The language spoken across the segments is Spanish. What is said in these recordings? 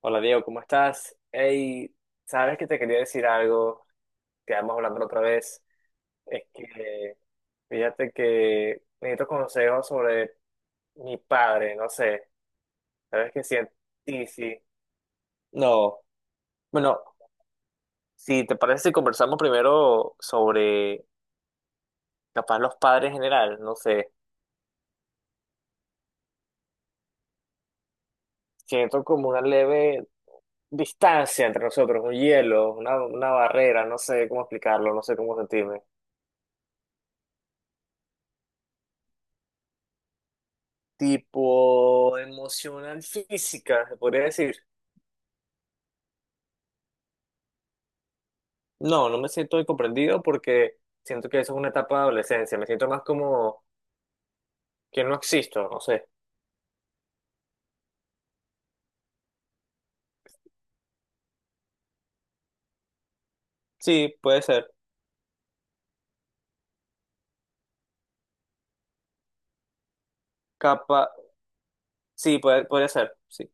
Hola Diego, ¿cómo estás? Hey, sabes que te quería decir algo, quedamos hablando la otra vez. Es que fíjate que necesito consejos sobre mi padre, no sé. Sabes que siento. Sí, sí. No. Bueno, si te parece, si conversamos primero sobre capaz los padres en general, no sé. Siento como una leve distancia entre nosotros, un hielo, una barrera, no sé cómo explicarlo, no sé cómo sentirme. Tipo emocional física, se podría decir. No, no me siento comprendido porque siento que eso es una etapa de adolescencia. Me siento más como que no existo, no sé. Sí, puede ser. Capa, sí, puede, podría ser. Sí,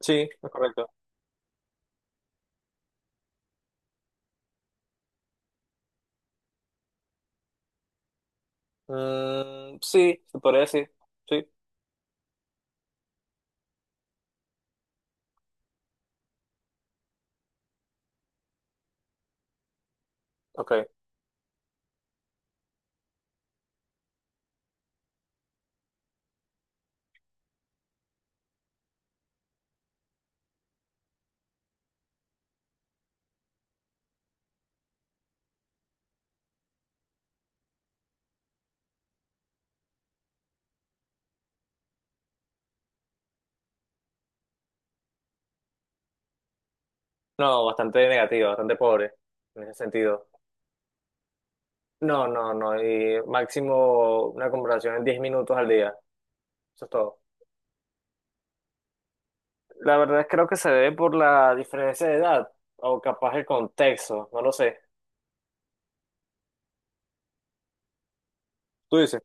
sí, es correcto. Mm, sí, se podría decir. Sí, ok. No, bastante negativo, bastante pobre en ese sentido. No, no, no. Y máximo una conversación en 10 minutos al día. Eso es todo. La verdad es creo que se debe por la diferencia de edad o capaz el contexto, no lo sé. ¿Tú dices?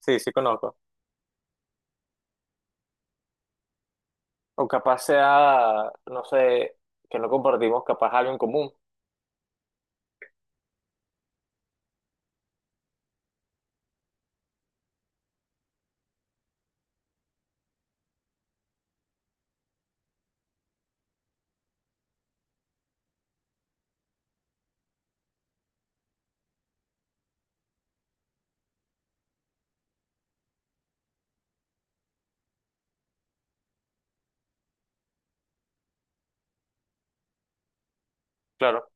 Sí, sí conozco. O capaz sea, no sé, que no compartimos capaz algo en común. Claro.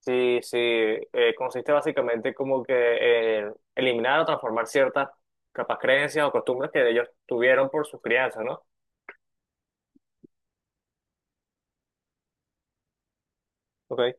Sí, sí. Consiste básicamente como que en eliminar o transformar ciertas capaz creencias o costumbres que ellos tuvieron por sus crianzas, ¿no? Ok.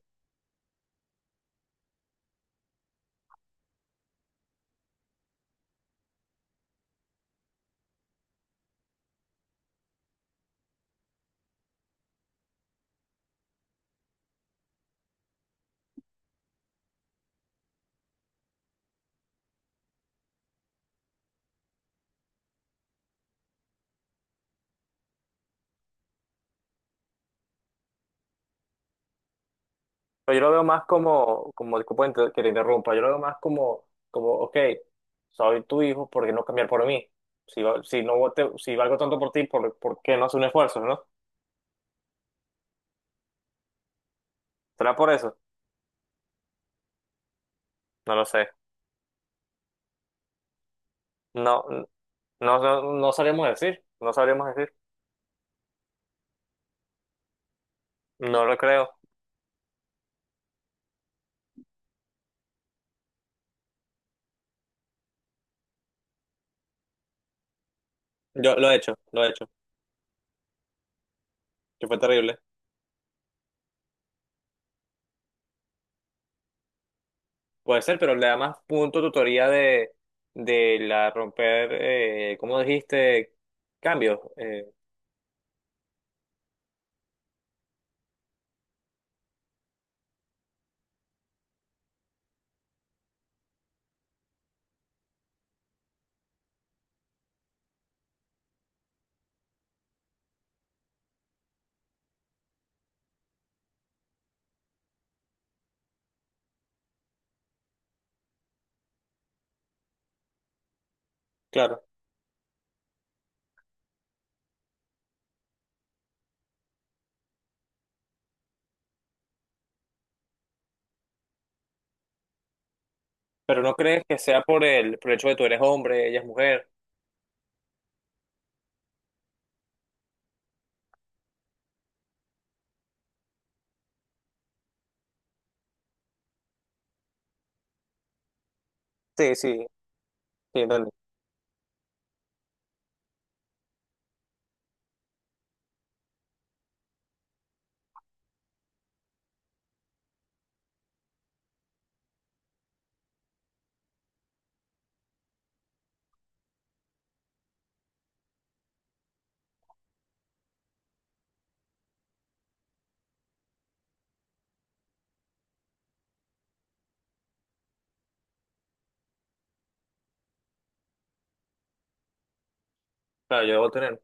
Pero yo lo veo más como disculpa que te interrumpa, yo lo veo más como, ok, soy tu hijo, ¿por qué no cambiar por mí? Si valgo tanto por ti, ¿por qué no hacer un esfuerzo, no? ¿Será por eso? No lo sé. No, no, no, no sabríamos decir, no sabríamos decir. No lo creo. Yo lo he hecho, que fue terrible. Puede ser, pero le da más punto tutoría de la romper, ¿cómo dijiste? Cambios, claro. Pero no crees que sea por el hecho de tú eres hombre, ella es mujer. Sí, sí, sí, dale. Claro, yo debo tener.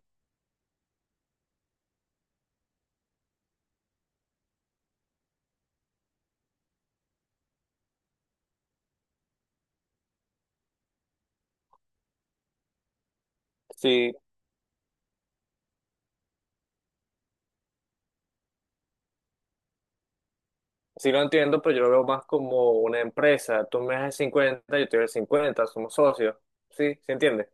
Sí, sí lo entiendo, pero yo lo veo más como una empresa. Tú me das el 50, yo te doy el 50, somos socios. Sí, ¿se entiende?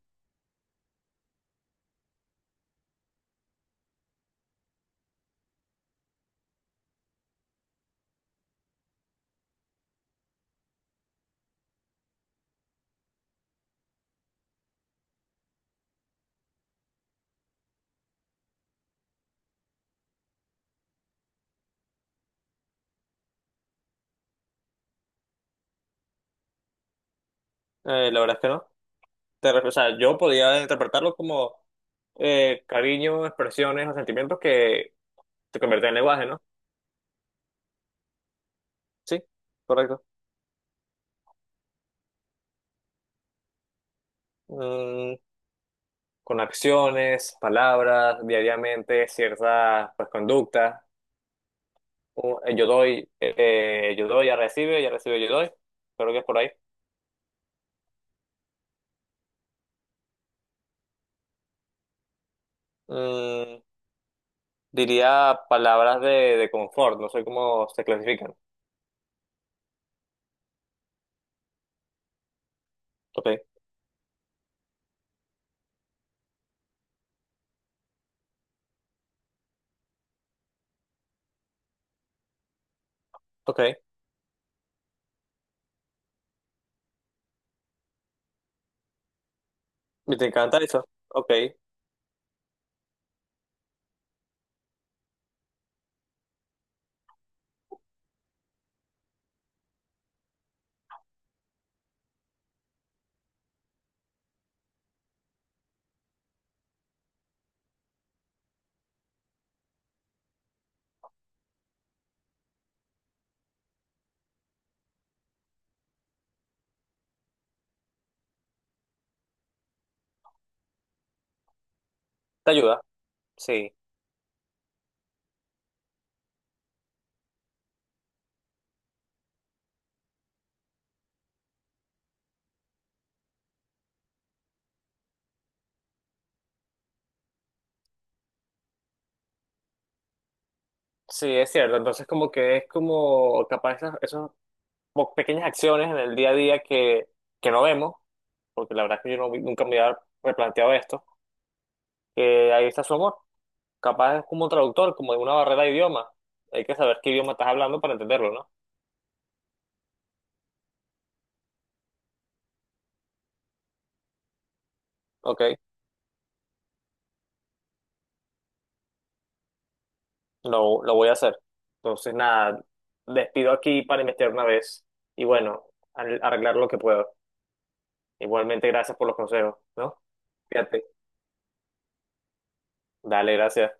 La verdad es que no. O sea, yo podía interpretarlo como cariño, expresiones o sentimientos que te convierten en lenguaje, ¿no? Sí, correcto. Mm, con acciones, palabras, diariamente, ciertas pues, conductas. Yo doy, ya recibe, yo doy. Creo que es por ahí. Mm, Diría palabras de confort, no sé cómo se clasifican. Ok, ok. ¿Y te encanta eso? Ok, te ayuda. Sí, sí, es cierto. Entonces como que es como capaz esas como pequeñas acciones en el día a día que no vemos, porque la verdad es que yo no- vi- nunca me había replanteado esto, que ahí está su amor. Capaz es como un traductor, como de una barrera de idioma. Hay que saber qué idioma estás hablando para entenderlo, ¿no? Ok, lo voy a hacer. Entonces, nada, despido aquí para investigar una vez y bueno, arreglar lo que puedo. Igualmente, gracias por los consejos, ¿no? Fíjate. Dale, gracias.